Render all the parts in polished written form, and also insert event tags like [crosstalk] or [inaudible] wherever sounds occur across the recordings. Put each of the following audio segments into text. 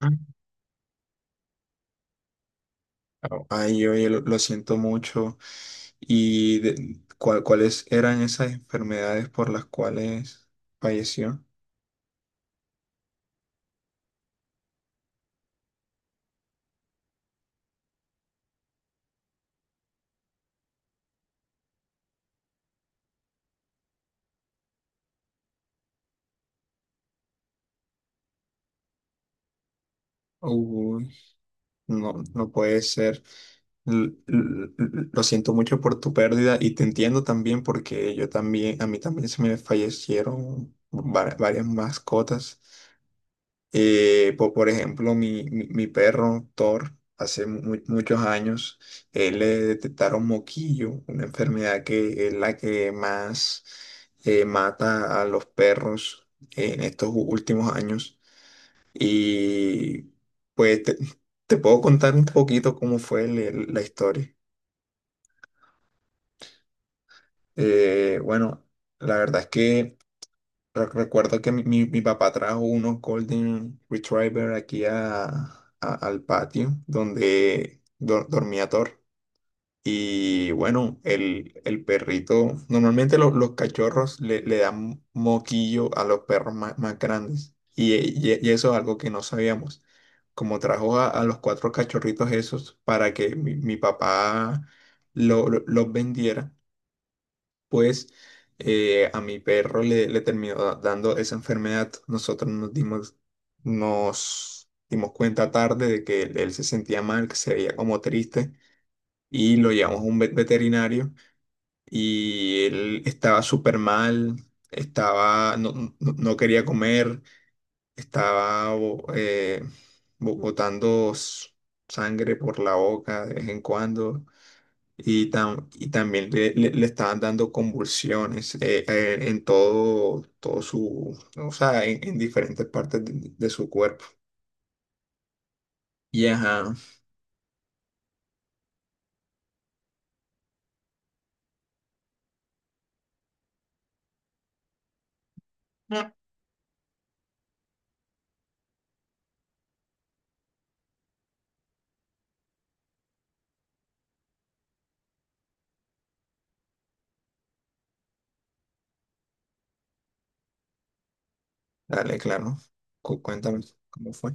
Ah. Ay, oye, lo siento mucho. ¿Y cuáles eran esas enfermedades por las cuales falleció? Uy, no, no puede ser. Lo siento mucho por tu pérdida y te entiendo también porque yo también, a mí también se me fallecieron varias mascotas. Por ejemplo, mi perro Thor, hace muchos años, le detectaron moquillo, una enfermedad que es la que más mata a los perros en estos últimos años. Y pues te puedo contar un poquito cómo fue la historia. Bueno, la verdad es que... Recuerdo que mi papá trajo unos Golden Retriever aquí al patio donde dormía Thor. Y bueno, el perrito, normalmente los cachorros le dan moquillo a los perros más, más grandes. Y eso es algo que no sabíamos. Como trajo a los cuatro cachorritos esos para que mi papá los vendiera, pues a mi perro le terminó dando esa enfermedad. Nosotros nos dimos cuenta tarde de que él se sentía mal, que se veía como triste y lo llevamos a un veterinario y él estaba súper mal, estaba, no quería comer, estaba botando sangre por la boca de vez en cuando. Y también le estaban dando convulsiones, en todo, todo su, o sea, en diferentes partes de su cuerpo. Y ajá, dale, claro. Cuéntame cómo fue.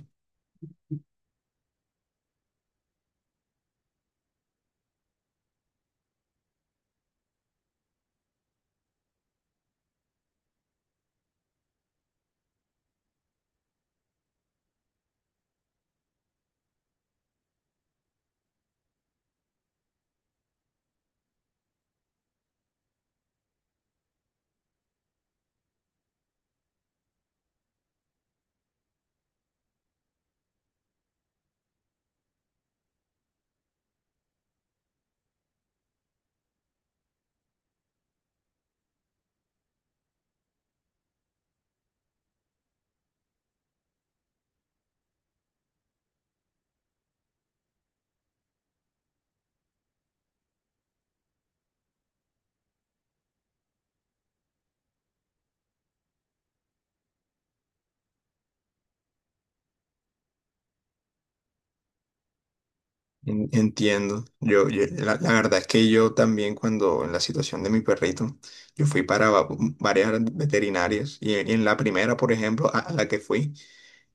Entiendo. La, la verdad es que yo también cuando en la situación de mi perrito, yo fui para varias veterinarias y, en la primera, por ejemplo, a la que fui,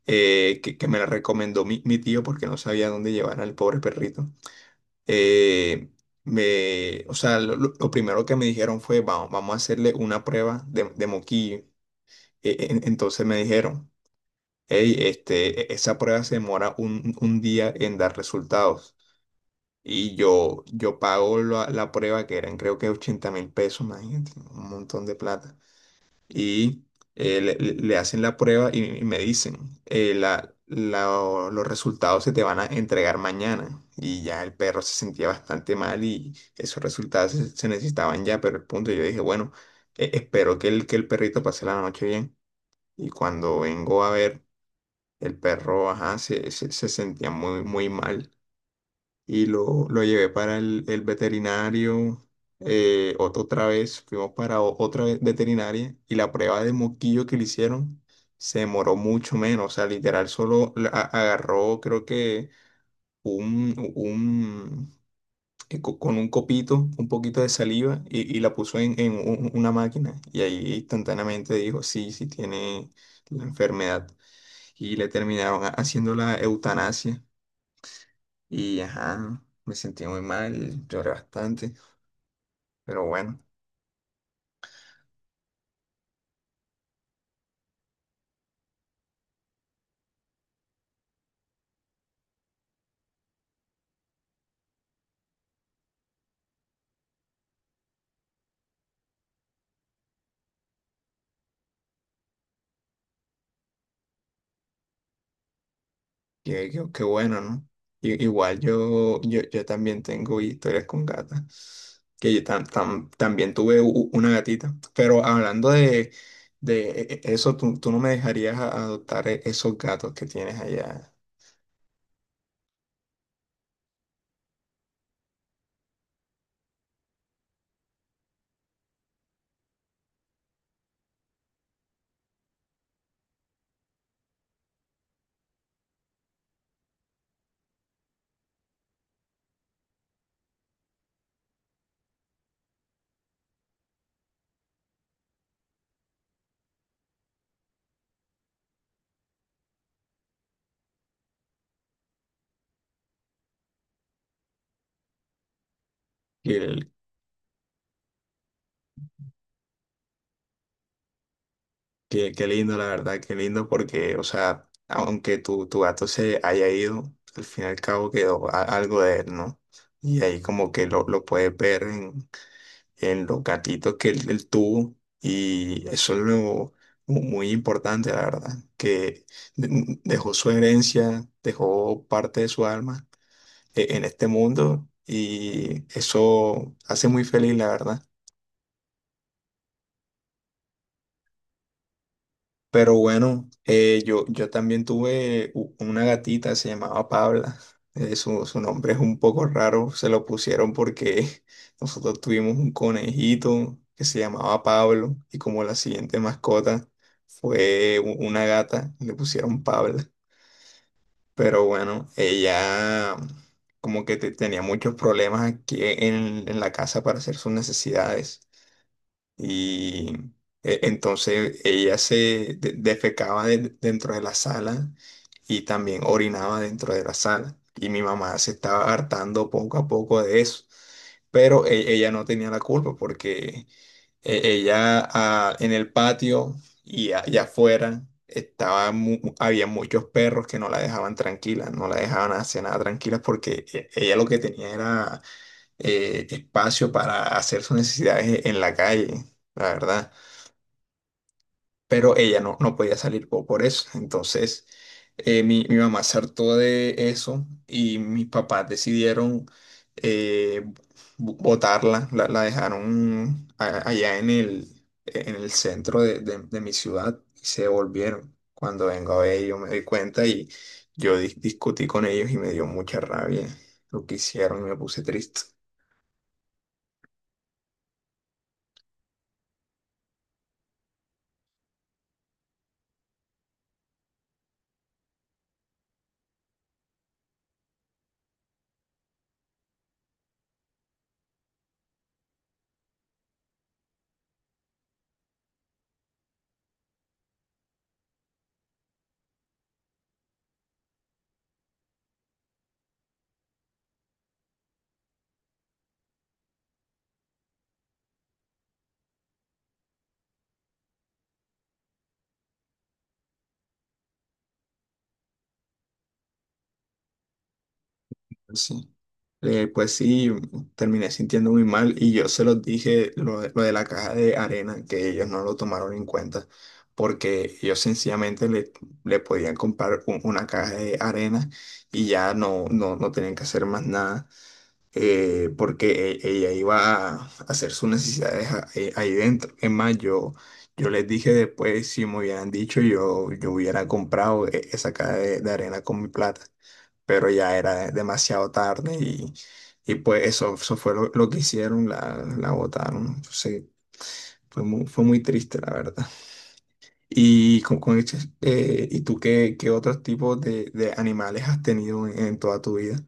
que me la recomendó mi tío porque no sabía dónde llevar al pobre perrito. eh, me, o sea, lo primero que me dijeron fue, vamos, vamos a hacerle una prueba de moquillo. Entonces me dijeron, hey, esa prueba se demora un día en dar resultados. Y yo pago la prueba, que eran creo que 80.000 pesos, imagínate, un montón de plata, y le hacen la prueba y me dicen, los resultados se te van a entregar mañana. Y ya el perro se sentía bastante mal y esos resultados se necesitaban ya, pero el punto, yo dije, bueno, espero que el perrito pase la noche bien. Y cuando vengo a ver, el perro, ajá, se sentía muy, muy mal y lo llevé para el veterinario. Otra vez fuimos para otra veterinaria y la prueba de moquillo que le hicieron se demoró mucho menos. O sea, literal, solo agarró, creo que un, un con un copito, un poquito de saliva y la puso en una máquina. Y ahí instantáneamente dijo: Sí, sí, tiene la enfermedad. Y le terminaron haciendo la eutanasia. Y ajá, me sentí muy mal, lloré bastante, pero bueno, qué bueno, ¿no? Igual yo también tengo historias con gatas, que yo también tuve una gatita, pero hablando de eso, tú no me dejarías adoptar esos gatos que tienes allá, que qué lindo, la verdad, qué lindo, porque, o sea, aunque tu gato se haya ido, al fin y al cabo quedó algo de él, ¿no? Y ahí como que lo puedes ver en los gatitos que él tuvo, y eso es lo muy importante, la verdad, que dejó su herencia, dejó parte de su alma en este mundo, y eso hace muy feliz, la verdad. Pero bueno, yo también tuve una gatita, se llamaba Pabla. Su nombre es un poco raro, se lo pusieron porque [laughs] nosotros tuvimos un conejito que se llamaba Pablo y como la siguiente mascota fue una gata, le pusieron Pabla. Pero bueno, ella como que tenía muchos problemas aquí en la casa para hacer sus necesidades. Y entonces ella se defecaba dentro de la sala y también orinaba dentro de la sala. Y mi mamá se estaba hartando poco a poco de eso. Pero ella no tenía la culpa porque ella, en el patio y allá afuera, había muchos perros que no la dejaban tranquila, no la dejaban hacer nada tranquila, porque ella lo que tenía era espacio para hacer sus necesidades en la calle, la verdad. Pero ella no podía salir por eso. Entonces, mi mamá se hartó de eso y mis papás decidieron eh, botarla, la dejaron allá en el centro de mi ciudad, y se volvieron. Cuando vengo a ver, yo me di cuenta y yo discutí con ellos y me dio mucha rabia lo que hicieron y me puse triste. Pues sí. Pues sí, terminé sintiendo muy mal y yo se los dije, de lo de la caja de arena, que ellos no lo tomaron en cuenta, porque ellos sencillamente le podían comprar una caja de arena y ya no tenían que hacer más nada, porque ella iba a hacer sus necesidades ahí dentro. Es más, yo les dije después, si me hubieran dicho, yo hubiera comprado esa caja de arena con mi plata, pero ya era demasiado tarde, y pues eso, fue lo que hicieron, la botaron. Entonces, fue muy triste, la verdad. ¿Y tú qué otros tipos de animales has tenido en toda tu vida?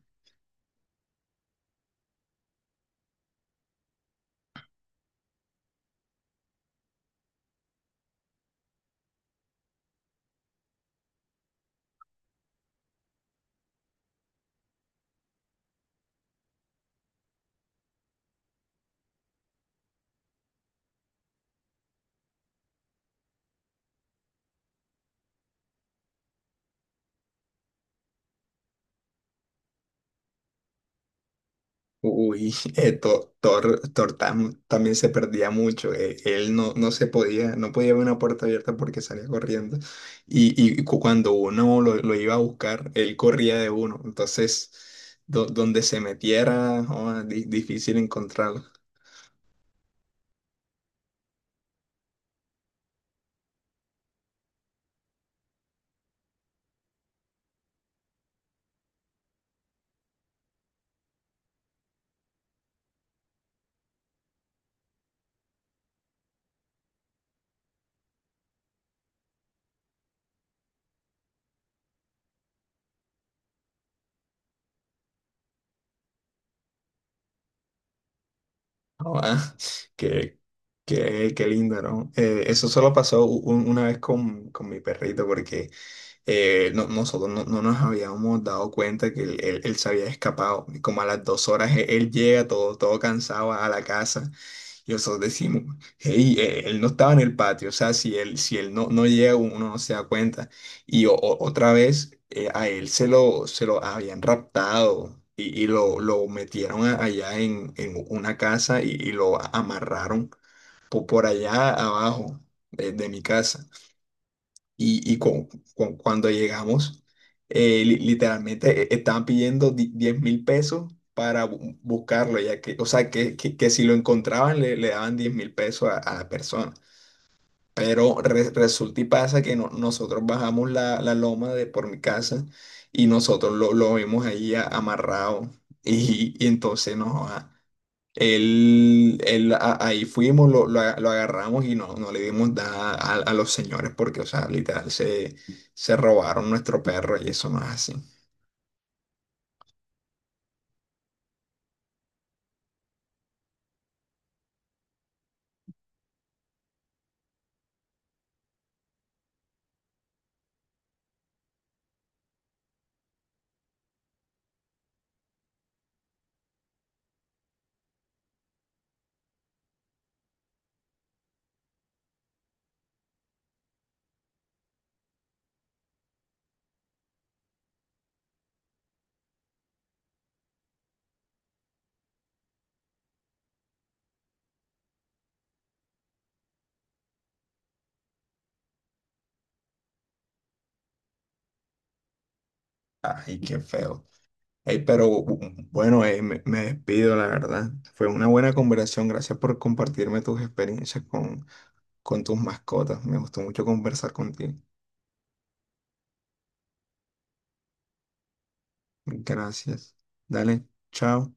Uy, [laughs] Thor también se perdía mucho. Él no podía ver una puerta abierta porque salía corriendo. Y, Cuando uno lo iba a buscar, él corría de uno. Entonces, donde se metiera, joda, difícil encontrarlo. Joda, [laughs] qué, qué lindo, ¿no? Eso solo pasó una vez con mi perrito, porque nosotros no nos habíamos dado cuenta que él se había escapado. Y como a las 2 horas, llega todo cansado a la casa y nosotros decimos, hey, él no estaba en el patio. O sea, si él no llega, uno no se da cuenta. Y otra vez, a él se lo habían raptado. Y lo metieron allá en una casa y lo amarraron por allá abajo de mi casa, y cuando llegamos, literalmente estaban pidiendo 10.000 pesos para buscarlo, ya que, o sea, que si lo encontraban le daban 10.000 pesos a la persona. Pero resulta y pasa que nosotros bajamos la loma de por mi casa y nosotros lo vimos ahí amarrado [laughs] y entonces no. Joda, ahí fuimos, lo agarramos y no le dimos nada a los señores porque, o sea, literal, se robaron nuestro perro y eso no es así. Ay, qué feo. Ey, pero bueno, me despido, la verdad. Fue una buena conversación. Gracias por compartirme tus experiencias con tus mascotas. Me gustó mucho conversar contigo. Gracias. Dale, chao.